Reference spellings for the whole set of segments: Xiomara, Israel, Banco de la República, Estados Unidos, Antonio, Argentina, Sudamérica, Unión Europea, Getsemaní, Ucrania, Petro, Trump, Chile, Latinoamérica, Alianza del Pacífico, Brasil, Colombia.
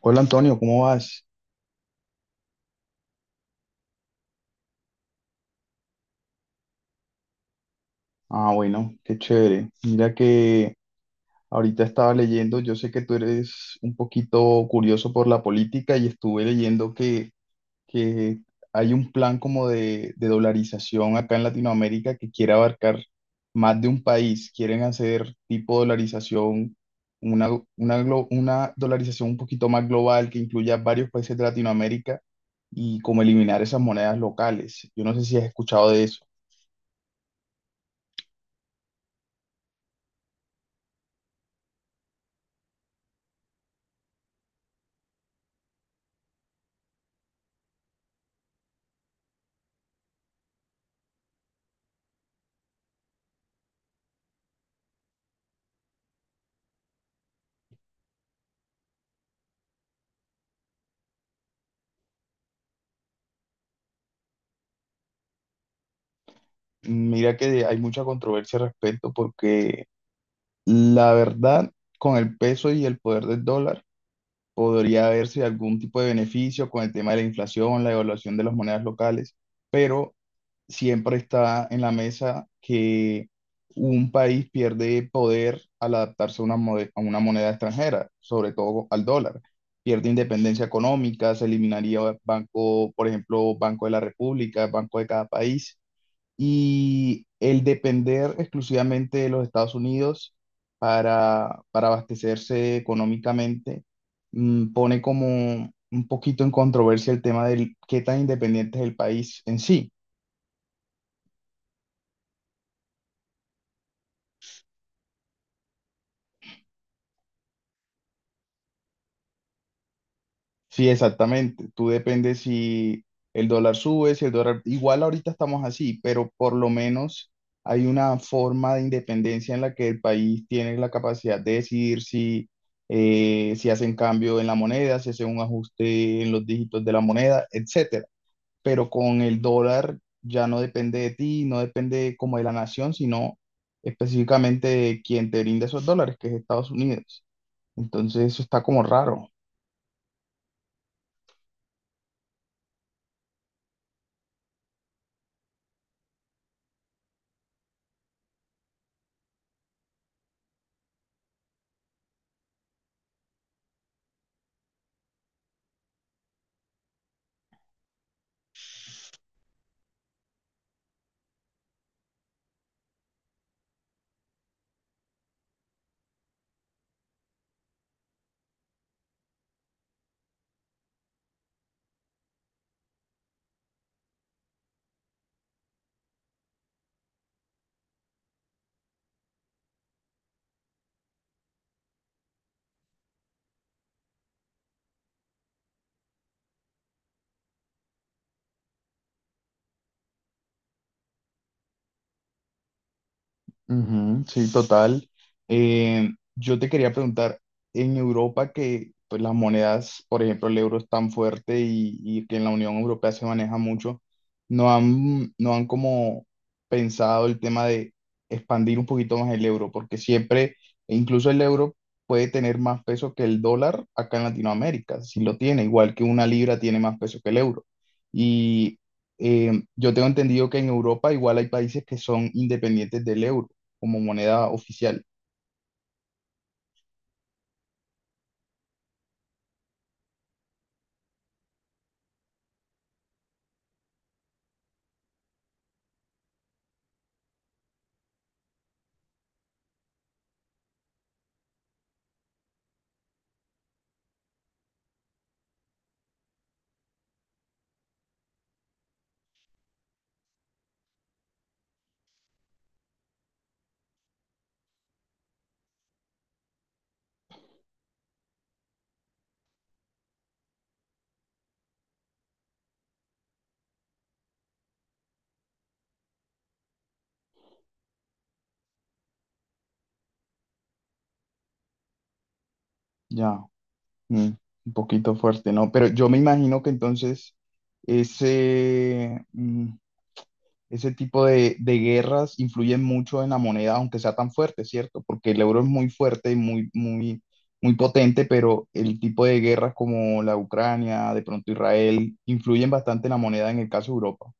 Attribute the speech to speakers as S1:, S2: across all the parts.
S1: Hola Antonio, ¿cómo vas? Ah, bueno, qué chévere. Mira que ahorita estaba leyendo, yo sé que tú eres un poquito curioso por la política y estuve leyendo que hay un plan como de dolarización acá en Latinoamérica que quiere abarcar más de un país. Quieren hacer tipo dolarización, una, una dolarización un poquito más global que incluya varios países de Latinoamérica y como eliminar esas monedas locales. Yo no sé si has escuchado de eso. Mira que hay mucha controversia al respecto porque la verdad, con el peso y el poder del dólar, podría haberse algún tipo de beneficio con el tema de la inflación, la evaluación de las monedas locales, pero siempre está en la mesa que un país pierde poder al adaptarse a a una moneda extranjera, sobre todo al dólar. Pierde independencia económica, se eliminaría banco, por ejemplo, Banco de la República, Banco de cada país y el depender exclusivamente de los Estados Unidos para abastecerse económicamente pone como un poquito en controversia el tema del qué tan independiente es el país en sí. Sí, exactamente. Tú dependes si el dólar sube, si el dólar... Igual ahorita estamos así, pero por lo menos hay una forma de independencia en la que el país tiene la capacidad de decidir si, si hacen cambio en la moneda, si hacen un ajuste en los dígitos de la moneda, etcétera. Pero con el dólar ya no depende de ti, no depende como de la nación, sino específicamente de quien te brinda esos dólares, que es Estados Unidos. Entonces eso está como raro. Ujú, sí, total. Yo te quería preguntar, en Europa que pues, las monedas, por ejemplo, el euro es tan fuerte y que en la Unión Europea se maneja mucho, ¿no han como pensado el tema de expandir un poquito más el euro? Porque siempre, e incluso el euro puede tener más peso que el dólar acá en Latinoamérica, si lo tiene, igual que una libra tiene más peso que el euro. Y yo tengo entendido que en Europa igual hay países que son independientes del euro como moneda oficial. Ya, mm, un poquito fuerte, ¿no? Pero yo me imagino que entonces ese, mm, ese tipo de guerras influyen mucho en la moneda, aunque sea tan fuerte, ¿cierto? Porque el euro es muy fuerte y muy, muy, muy potente, pero el tipo de guerras como la Ucrania, de pronto Israel, influyen bastante en la moneda en el caso de Europa.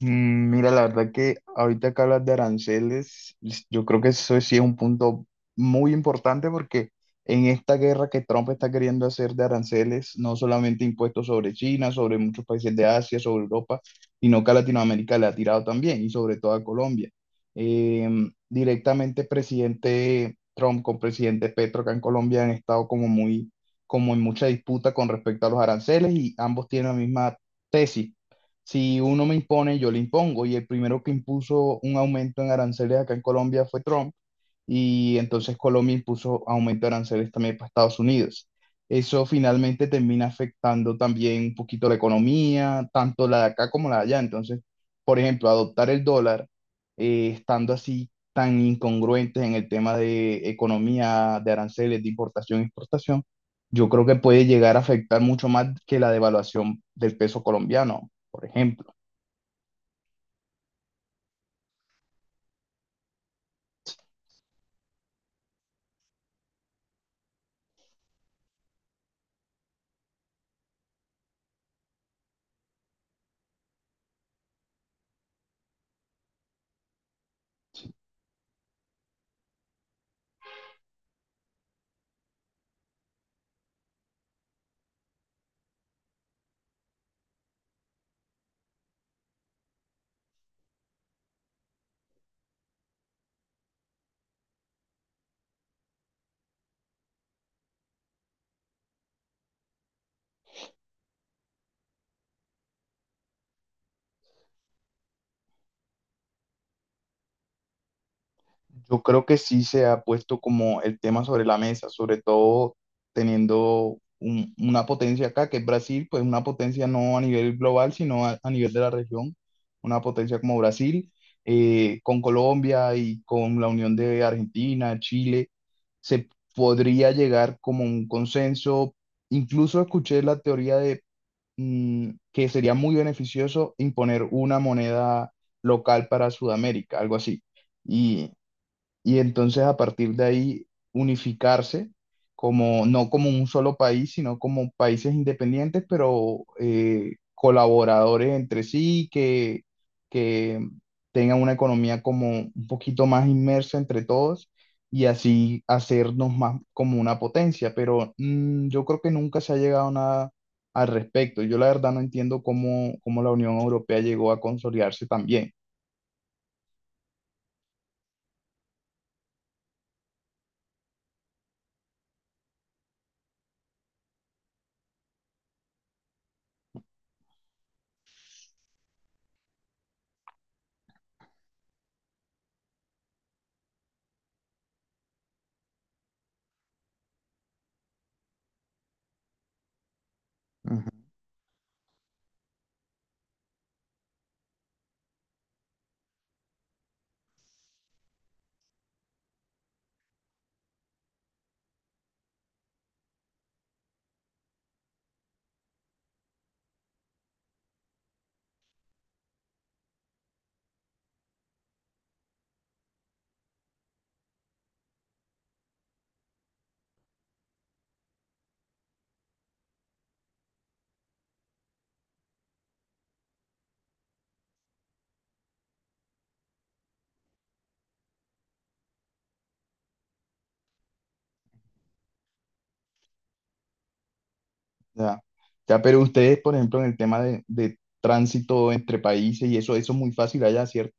S1: Mira, la verdad que ahorita que hablas de aranceles, yo creo que eso sí es un punto muy importante porque en esta guerra que Trump está queriendo hacer de aranceles, no solamente impuestos sobre China, sobre muchos países de Asia, sobre Europa, sino que a Latinoamérica le ha tirado también y sobre todo a Colombia. Directamente presidente Trump con presidente Petro acá en Colombia han estado como muy, como en mucha disputa con respecto a los aranceles y ambos tienen la misma tesis si uno me impone, yo le impongo. Y el primero que impuso un aumento en aranceles acá en Colombia fue Trump. Y entonces Colombia impuso aumento de aranceles también para Estados Unidos. Eso finalmente termina afectando también un poquito la economía, tanto la de acá como la de allá. Entonces, por ejemplo, adoptar el dólar, estando así tan incongruentes en el tema de economía, de aranceles, de importación y exportación, yo creo que puede llegar a afectar mucho más que la devaluación del peso colombiano. Por ejemplo, yo creo que sí se ha puesto como el tema sobre la mesa, sobre todo teniendo una potencia acá, que es Brasil, pues una potencia no a nivel global, sino a nivel de la región, una potencia como Brasil, con Colombia y con la unión de Argentina, Chile, se podría llegar como a un consenso. Incluso escuché la teoría de que sería muy beneficioso imponer una moneda local para Sudamérica, algo así. Y y entonces a partir de ahí unificarse como no como un solo país, sino como países independientes, pero colaboradores entre sí, que tengan una economía como un poquito más inmersa entre todos y así hacernos más como una potencia. Pero yo creo que nunca se ha llegado a nada al respecto. Yo la verdad no entiendo cómo la Unión Europea llegó a consolidarse también. Ya. Ya, pero ustedes, por ejemplo, en el tema de tránsito entre países y eso es muy fácil allá, ¿cierto?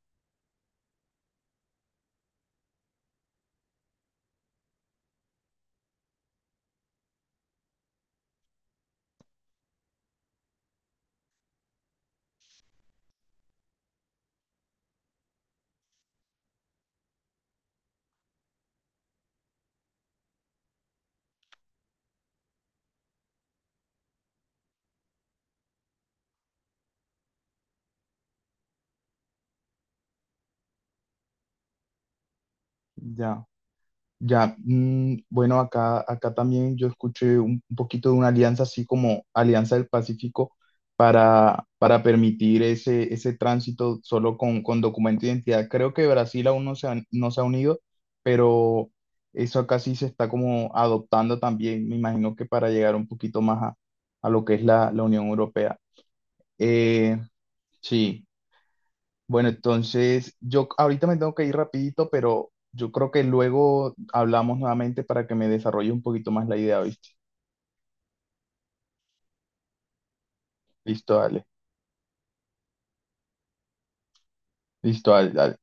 S1: Ya, ya. Mm, bueno, acá también yo escuché un poquito de una alianza así como Alianza del Pacífico para permitir ese tránsito solo con documento de identidad. Creo que Brasil aún no se ha unido, pero eso acá sí se está como adoptando también, me imagino que para llegar un poquito más a lo que es la Unión Europea. Eh, Sí, bueno, entonces yo ahorita me tengo que ir rapidito, pero yo creo que luego hablamos nuevamente para que me desarrolle un poquito más la idea, ¿viste? Listo, dale. Listo, dale, dale.